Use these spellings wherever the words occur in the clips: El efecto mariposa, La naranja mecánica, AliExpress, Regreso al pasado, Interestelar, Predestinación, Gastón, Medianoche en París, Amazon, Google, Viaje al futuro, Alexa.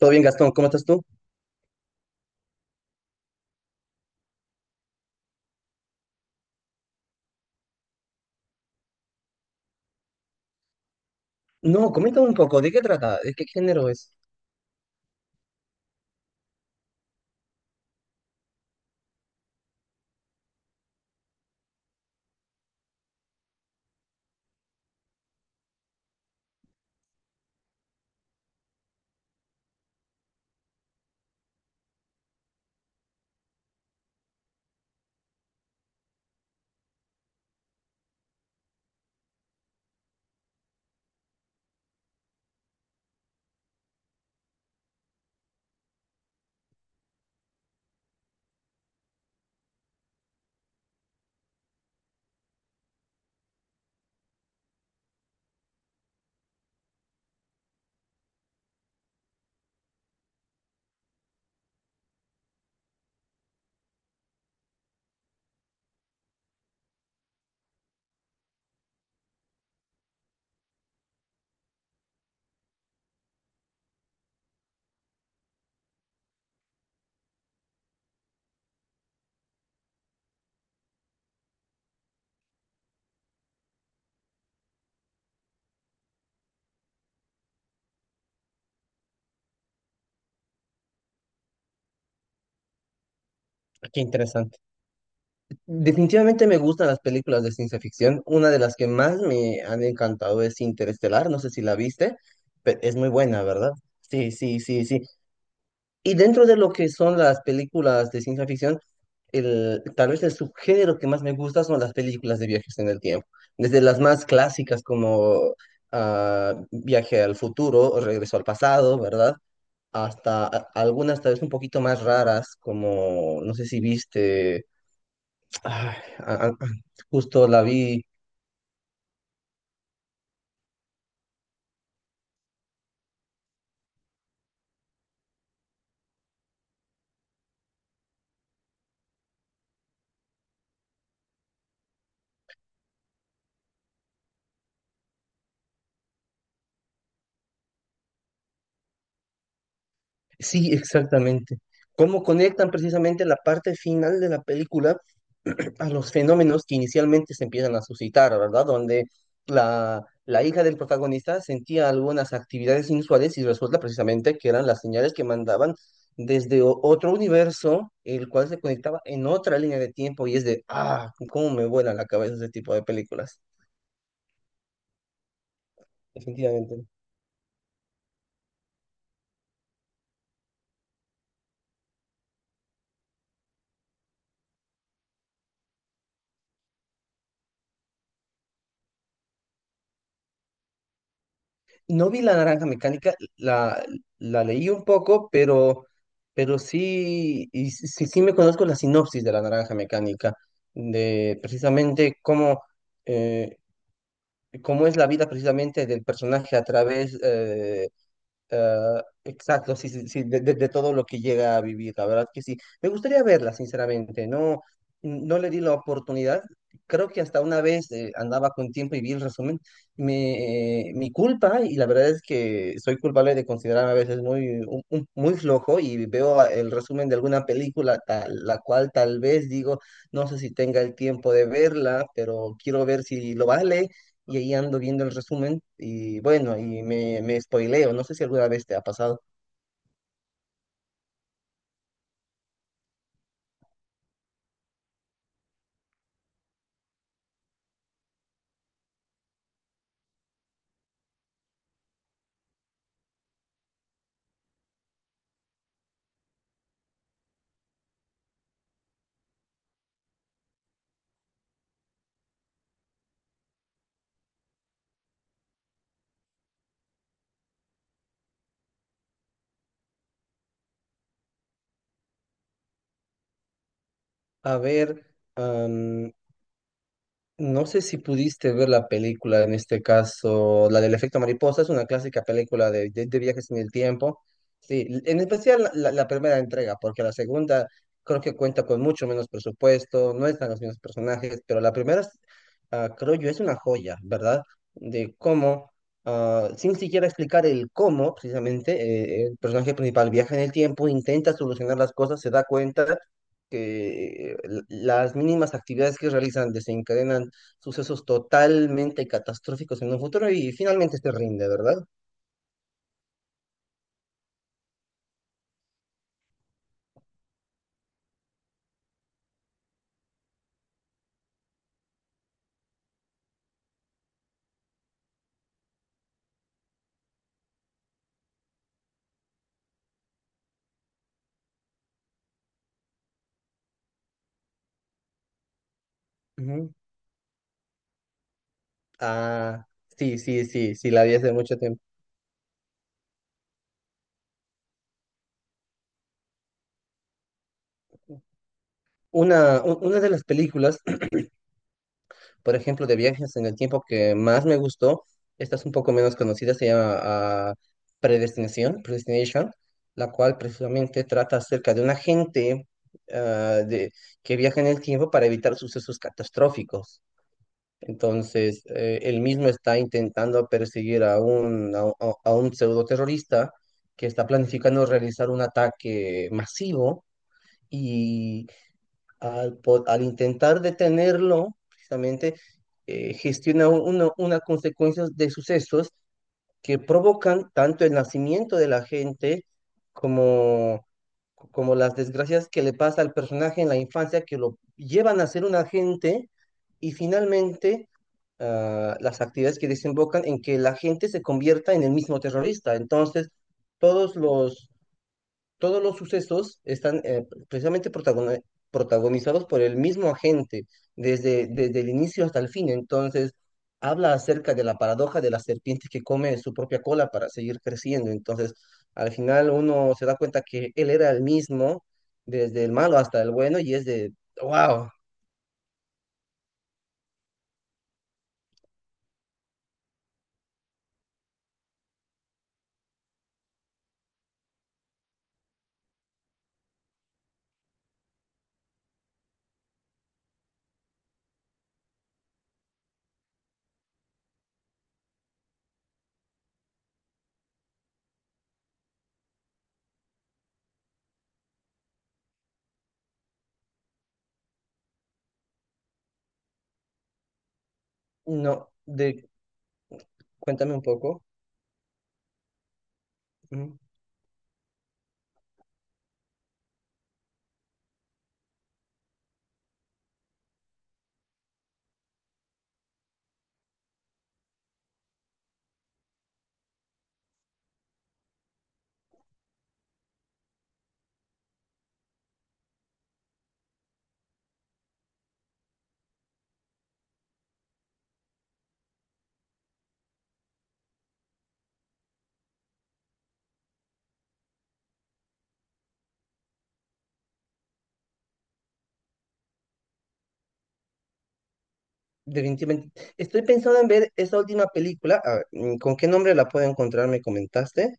Todo bien, Gastón, ¿cómo estás tú? No, comenta un poco, ¿de qué trata? ¿De qué género es? Qué interesante. Definitivamente me gustan las películas de ciencia ficción. Una de las que más me han encantado es Interestelar, no sé si la viste, pero es muy buena, ¿verdad? Sí, sí, sí, sí. Y dentro de lo que son las películas de ciencia ficción, tal vez el subgénero que más me gusta son las películas de viajes en el tiempo. Desde las más clásicas como ah, Viaje al futuro, o Regreso al pasado, ¿verdad? Hasta algunas tal vez un poquito más raras, como no sé si viste, ay, a- a- justo la vi, sí, exactamente, cómo conectan precisamente la parte final de la película a los fenómenos que inicialmente se empiezan a suscitar, ¿verdad? Donde la hija del protagonista sentía algunas actividades inusuales y resulta precisamente que eran las señales que mandaban desde otro universo, el cual se conectaba en otra línea de tiempo y es de, ah, cómo me vuela la cabeza ese tipo de películas, definitivamente. No vi la naranja mecánica, la leí un poco, pero sí, y sí, sí me conozco la sinopsis de la naranja mecánica, de precisamente cómo, eh, cómo es la vida precisamente del personaje a través, ah, exacto, sí, sí, sí, de, de todo lo que llega a vivir, la verdad que sí. Me gustaría verla, sinceramente, no, no le di la oportunidad. Creo que hasta una vez andaba con tiempo y vi el resumen. Me, mi culpa, y la verdad es que soy culpable de considerarme a veces muy, muy flojo y veo el resumen de alguna película, tal, la cual tal vez digo, no sé si tenga el tiempo de verla, pero quiero ver si lo vale y ahí ando viendo el resumen y bueno, ahí me, me spoileo. No sé si alguna vez te ha pasado. A ver, no sé si pudiste ver la película, en este caso, la del efecto mariposa, es una clásica película de, de viajes en el tiempo. Sí, en especial la primera entrega, porque la segunda creo que cuenta con mucho menos presupuesto, no están los mismos personajes, pero la primera, ah, creo yo, es una joya, ¿verdad? De cómo, ah, sin siquiera explicar el cómo, precisamente, el personaje principal viaja en el tiempo, intenta solucionar las cosas, se da cuenta que las mínimas actividades que realizan desencadenan sucesos totalmente catastróficos en un futuro y finalmente se rinde, ¿verdad? Ujú. Ah, sí, sí, sí, sí, la vi hace mucho tiempo. Una, una de las películas, por ejemplo, de viajes en el tiempo que más me gustó, esta es un poco menos conocida, se llama ah, Predestinación, Predestination, la cual precisamente trata acerca de un agente ah, de, que viaja en el tiempo para evitar sucesos catastróficos. Entonces, él mismo está intentando perseguir a un, a un pseudo terrorista que está planificando realizar un ataque masivo y al, al intentar detenerlo, precisamente, gestiona una consecuencia de sucesos que provocan tanto el nacimiento de la gente como, como las desgracias que le pasa al personaje en la infancia, que lo llevan a ser un agente y finalmente ah, las actividades que desembocan en que la gente se convierta en el mismo terrorista. Entonces, todos los todos los sucesos están precisamente protagonizados por el mismo agente desde, desde el inicio hasta el fin. Entonces, habla acerca de la paradoja de la serpiente que come su propia cola para seguir creciendo. Entonces, al final uno se da cuenta que él era el mismo, desde el malo hasta el bueno, y es de, wow, no, de, cuéntame un poco. Ujú. Definitivamente. Estoy pensando en ver esa última película. A ver, ¿con qué nombre la puedo encontrar? ¿Me comentaste?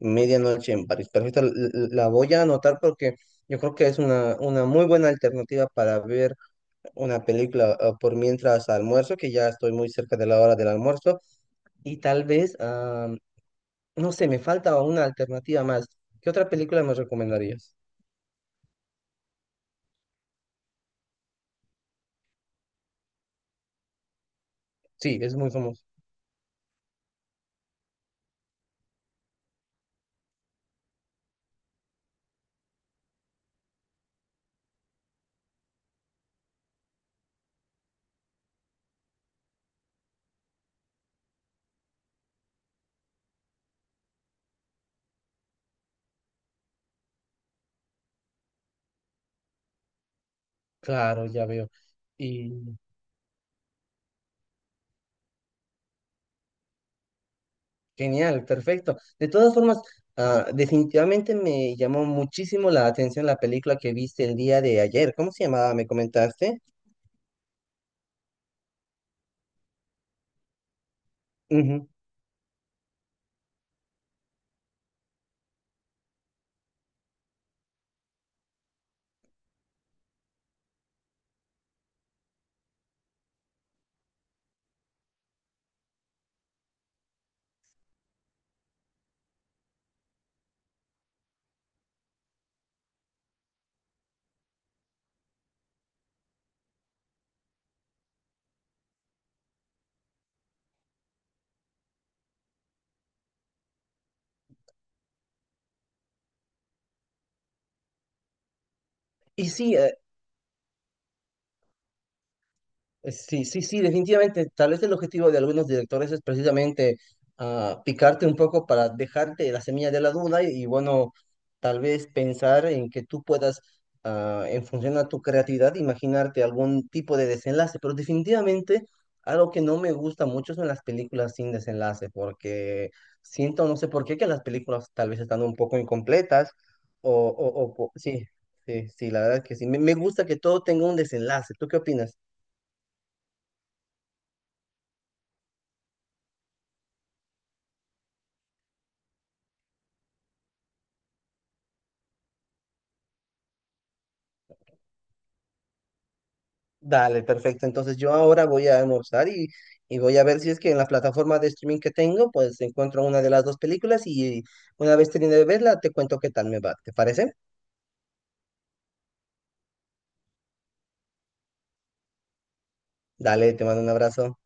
Medianoche en París. Perfecto, la voy a anotar porque yo creo que es una muy buena alternativa para ver una película ah, por mientras almuerzo, que ya estoy muy cerca de la hora del almuerzo. Y tal vez, ah, no sé, me falta una alternativa más. ¿Qué otra película me recomendarías? Sí, es muy famoso. Claro, ya veo. Y genial, perfecto. De todas formas, ah, definitivamente me llamó muchísimo la atención la película que viste el día de ayer. ¿Cómo se llamaba? ¿Me comentaste? Ujú. Y sí, sí, sí, sí, definitivamente. Tal vez el objetivo de algunos directores es precisamente ah, picarte un poco para dejarte la semilla de la duda y, bueno, tal vez pensar en que tú puedas, ah, en función a tu creatividad, imaginarte algún tipo de desenlace. Pero definitivamente algo que no me gusta mucho son las películas sin desenlace, porque siento, no sé por qué, que las películas tal vez están un poco incompletas o, sí, sí, sí, la verdad que sí. Me gusta que todo tenga un desenlace. ¿Tú qué opinas? Dale, perfecto. Entonces yo ahora voy a almorzar y voy a ver si es que en la plataforma de streaming que tengo, pues encuentro una de las dos películas y una vez termine de verla, te cuento qué tal me va. ¿Te parece? Dale, te mando un abrazo.